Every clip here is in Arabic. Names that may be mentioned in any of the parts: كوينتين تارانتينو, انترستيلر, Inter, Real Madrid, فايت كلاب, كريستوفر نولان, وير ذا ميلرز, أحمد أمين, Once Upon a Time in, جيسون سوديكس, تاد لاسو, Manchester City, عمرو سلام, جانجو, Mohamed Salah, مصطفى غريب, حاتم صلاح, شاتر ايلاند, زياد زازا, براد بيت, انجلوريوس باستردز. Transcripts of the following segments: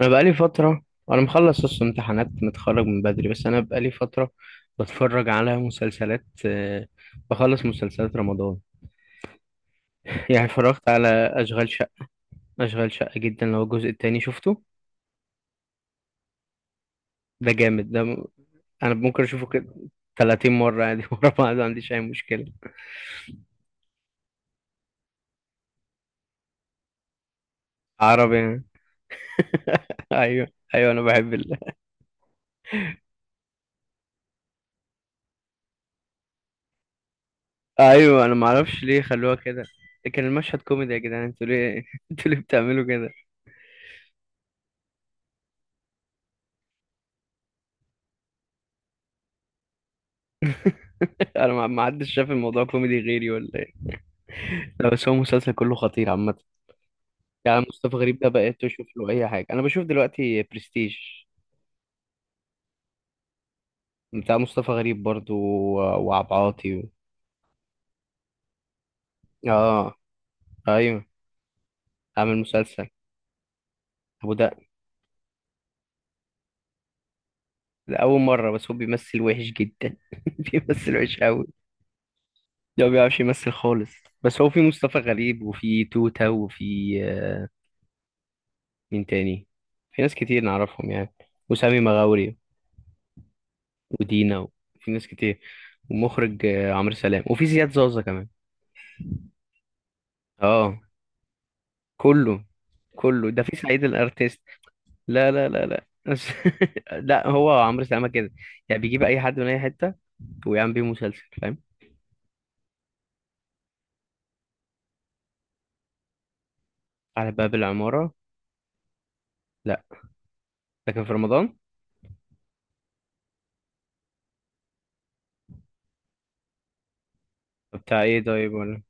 انا بقالي فتره انا مخلص اصلا امتحانات، متخرج من بدري. بس انا بقالي فتره بتفرج على مسلسلات. بخلص مسلسلات رمضان. يعني اتفرجت على اشغال شقه اشغال شقه جدا، اللي هو الجزء التاني شفته. ده جامد. انا ممكن اشوفه كده 30 مره عادي ورا بعض، ما عنديش اي مشكله. عربي يعني. ايوه. ايوه انا بحب ايوه انا ما اعرفش ليه خلوها كده. كان المشهد كوميدي يا جدعان، انتوا ليه انتوا ليه بتعملوا كده؟ انا ما حدش شاف الموضوع كوميدي غيري، ولا؟ لا، بس هو المسلسل كله خطير عامة. يعني مصطفى غريب ده بقيت أشوف له أي حاجة. أنا بشوف دلوقتي برستيج، بتاع مصطفى غريب برضو وعبد العاطي آه. أيوه. عامل مسلسل أبو ده. ده أول مرة بس هو بيمثل وحش جدا. بيمثل وحش أوي. ده ما بيعرفش يمثل خالص. بس هو في مصطفى غريب وفي توتة وفي مين تاني؟ في ناس كتير نعرفهم يعني، وسامي مغاوري ودينا، وفي ناس كتير. ومخرج عمرو سلام، وفي زياد زازا كمان. اه. كله كله ده في سعيد الارتيست. لا لا لا لا لا، هو عمرو سلامه كده، يعني بيجيب اي حد من اي حته ويعمل بيه مسلسل، فاهم. على باب العماره. لا. لكن في رمضان؟ بتاع ايه طيب ولا؟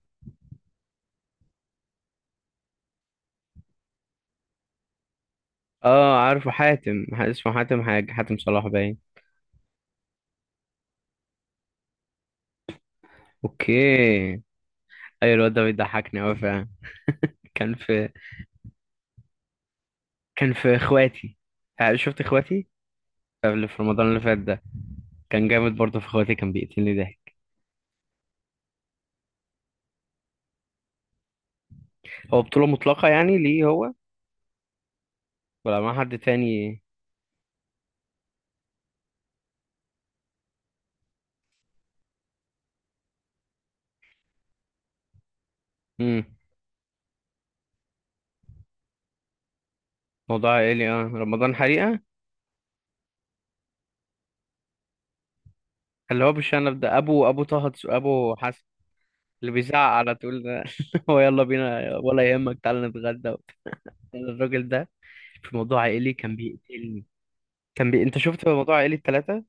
اه، عارفه حاتم. اسمه حاتم حاجه، حاتم صلاح باين. اوكي. ايوه الواد ده بيضحكني قوي فعلا. كان في كان في اخواتي. شفت اخواتي اللي في رمضان اللي فات ده؟ كان جامد برضه، في اخواتي كان بيقتلني ضحك. هو بطوله مطلقه يعني ليه هو؟ ولا مع حد تاني؟ مم. موضوع عائلي. اه رمضان حريقة. اللي هو بالشنب ده، أبو أبو حسن. اللي بيزعق على طول ده. هو يلا بينا، ولا يهمك تعالى نتغدى وبتاع. الراجل ده في موضوع عائلي كان بيقتلني. أنت شفت موضوع عائلي التلاتة؟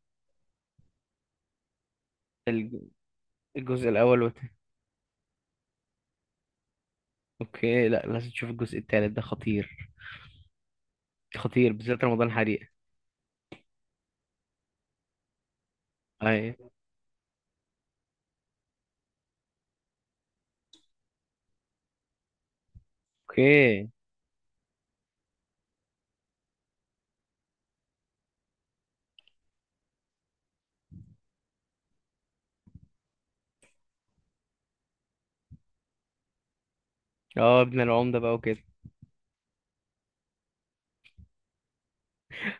الج- الجزء الأول والتاني. أوكي، لا لازم تشوف الجزء التالت ده خطير. خطير، بالذات رمضان حريقة. أي. أوكي. اه ابن العمدة بقى وكده.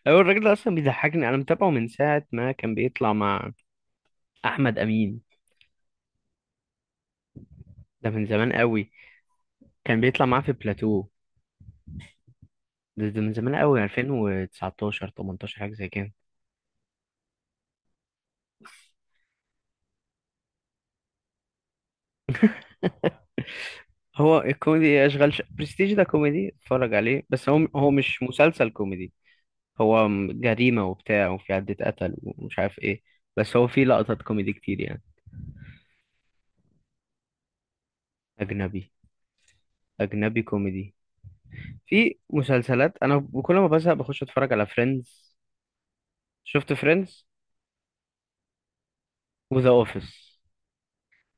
أيوة الراجل ده أصلا بيضحكني، أنا متابعه من ساعة ما كان بيطلع مع أحمد أمين. ده من زمان قوي، كان بيطلع معاه في بلاتو. ده من زمان قوي، 2019، 18، حاجة زي كده. هو الكوميدي إيه؟ برستيج ده كوميدي، اتفرج عليه، بس هو مش مسلسل كوميدي. جريمة وبتاع وفي عدة قتل ومش عارف ايه. بس هو في لقطات كوميدي كتير يعني. اجنبي. اجنبي كوميدي. في مسلسلات انا كل ما بزهق بخش اتفرج على فريندز. شفت فريندز وذا اوفيس.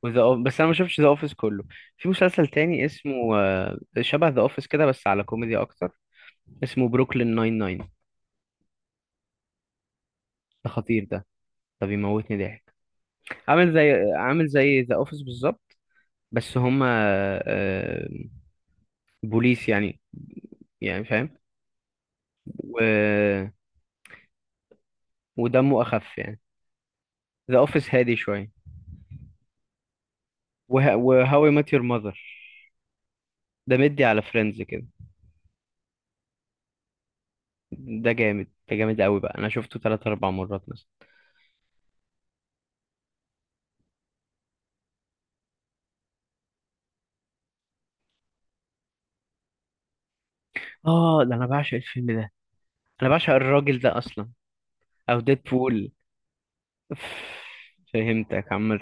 بس انا ما شفتش ذا اوفيس كله. في مسلسل تاني اسمه شبه ذا اوفيس كده، بس على كوميدي اكتر. اسمه بروكلين ناين ناين. ده خطير ده، ده بيموتني ضحك. عامل زي ذا اوفيس بالظبط. بس هما آه، بوليس يعني، يعني فاهم. و... ودمه اخف يعني، ذا اوفيس هادي شويه. وهاو اي مات يور ماذر. ده مدي على فريندز كده. ده جامد، ده جامد قوي بقى، انا شفته ثلاث اربع مرات مثلا. اه ده انا بعشق الفيلم ده. انا بعشق الراجل ده اصلا. او ديدبول. فهمتك عامة.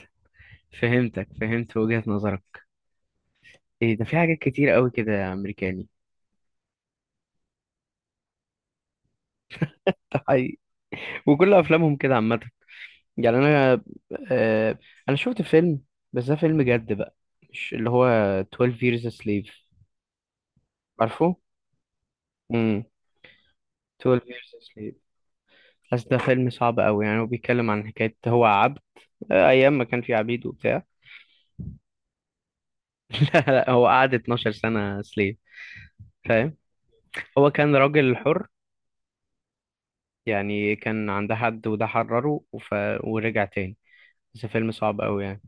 فهمت وجهة نظرك. ايه ده، في حاجات كتير قوي كده يا امريكاني. ده حقيقي. وكل افلامهم كده عامة. يعني انا. آه انا شفت فيلم، بس ده فيلم جد بقى. مش اللي هو 12 years a slave؟ عارفه. امم. 12 years a slave، بس ده فيلم صعب قوي يعني. هو بيتكلم عن حكاية، هو عبد ايام ما كان في عبيد وبتاع. لا لا، هو قعد 12 سنة سليف، فاهم. هو كان راجل حر يعني، كان عند حد وده حرره ورجع تاني. بس فيلم صعب قوي يعني.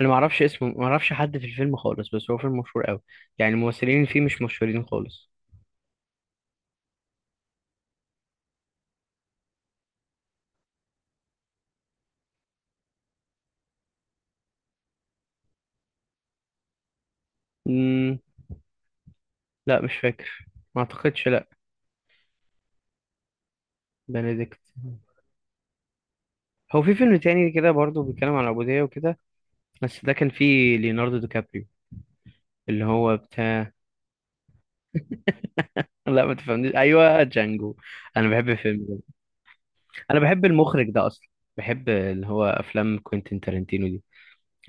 انا ما اعرفش اسمه، ما اعرفش حد في الفيلم خالص، بس هو فيلم مشهور قوي. يعني الممثلين اللي فيه مش مشهورين خالص. مم... لا مش فاكر، ما اعتقدش، لا. بنديكت. هو في فيلم تاني كده برضه بيتكلم عن العبودية وكده، بس ده كان فيه ليوناردو دي كابريو اللي هو بتاع. لا ما تفهمنيش، ايوه جانجو. انا بحب الفيلم ده. انا بحب المخرج ده اصلا، بحب اللي هو افلام كوينتين تارانتينو دي،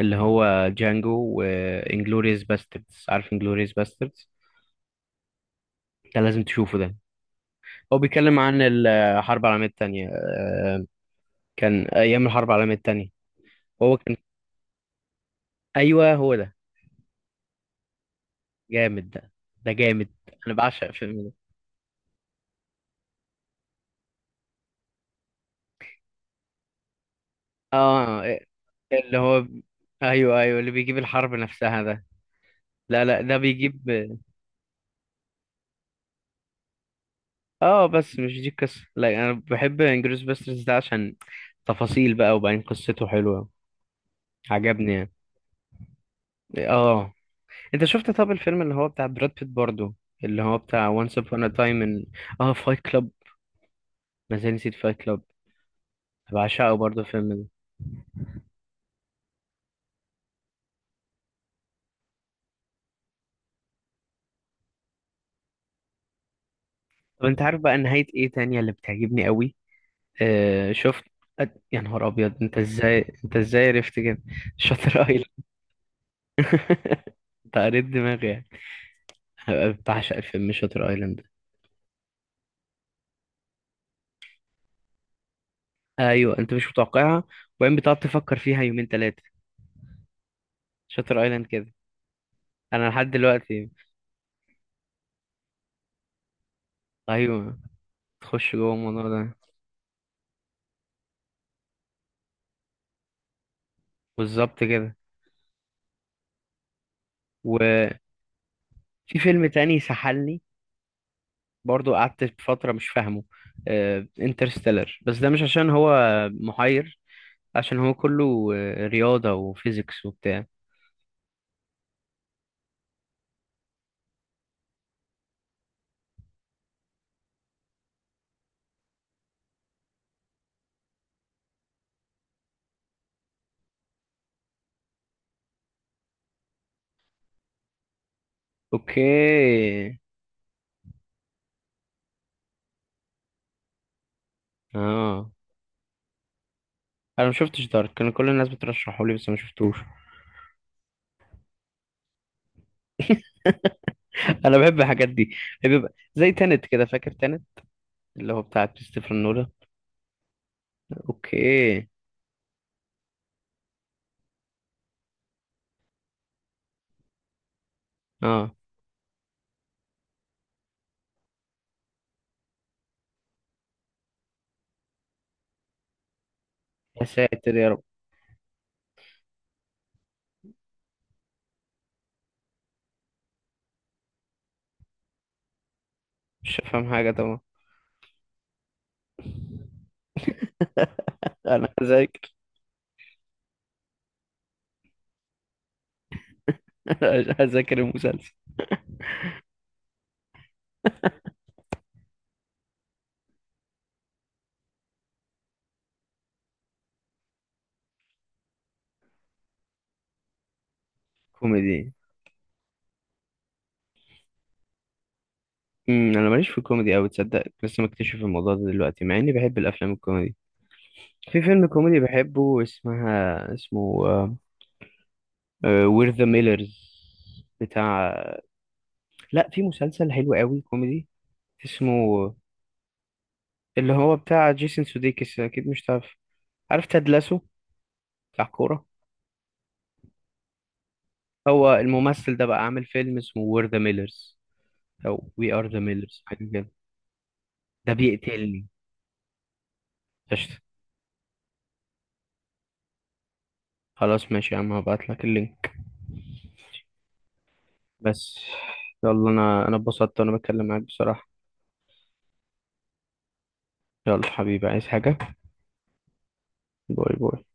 اللي هو جانجو وانجلوريوس باستردز. عارف انجلوريوس باستردز؟ ده لازم تشوفه ده. هو بيتكلم عن الحرب العالمية التانية. كان أيام الحرب العالمية التانية. هو كان. أيوه هو ده، جامد ده. ده جامد. أنا بعشق الفيلم ده. اه اللي هو. أيوه أيوه اللي بيجيب الحرب نفسها ده. لا لا، ده بيجيب. اه بس مش دي القصة. لا أنا بحب انجلوريوس باستردز ده عشان تفاصيل بقى، وبعدين قصته حلوة. عجبني يعني. اه. انت شفت؟ طب الفيلم اللي هو بتاع براد بيت برضو، اللي هو بتاع Once Upon a Time in. اه فايت كلاب. ما زال نسيت فايت كلاب. بعشقه برضو الفيلم ده. طب انت عارف بقى نهاية ايه تانية اللي بتعجبني قوي؟ شفت. يا نهار ابيض، انت ازاي عرفت كده؟ شاتر ايلاند. انت قريت دماغي يعني. أنا بعشق الفيلم شاتر ايلاند ده. ايوه انت مش متوقعها، وبعدين بتقعد تفكر فيها يومين ثلاثة. شاتر ايلاند كده، انا لحد دلوقتي. ايوه، تخش جوه الموضوع ده. بالظبط كده. في فيلم تاني سحلني، برضو قعدت فترة مش فاهمه، انترستيلر. بس ده مش عشان هو محير، عشان هو كله رياضة وفيزيكس وبتاع. اوكي. اه انا ما شفتش دارك، كان كل الناس بترشحه لي بس ما شفتوش. انا بحب الحاجات دي. بيبقى زي تانت كده، فاكر تانت؟ اللي هو بتاع كريستوفر نولان. اوكي. اه. يا ساتر يا رب. مش هفهم حاجة طبعا. انا هذاكر. هذاكر المسلسل. كوميدي. انا ماليش في الكوميدي قوي، تصدق لسه مكتشف الموضوع ده دلوقتي، مع اني بحب الافلام الكوميدي. في فيلم كوميدي بحبه اسمه وير ذا ميلرز، بتاع. لا في مسلسل حلو قوي كوميدي، اسمه اللي هو بتاع جيسون سوديكس، اكيد مش تعرف. عارف تاد لاسو؟ بتاع كورة. هو الممثل ده بقى عامل فيلم اسمه وير ذا ميلرز او وي ار ذا ميلرز، حاجه كده. ده بيقتلني. قشطة. خلاص ماشي يا عم، هبعت لك اللينك. بس. يلا، انا اتبسطت وانا بتكلم معاك بصراحة. يلا حبيبي، عايز حاجة؟ باي باي.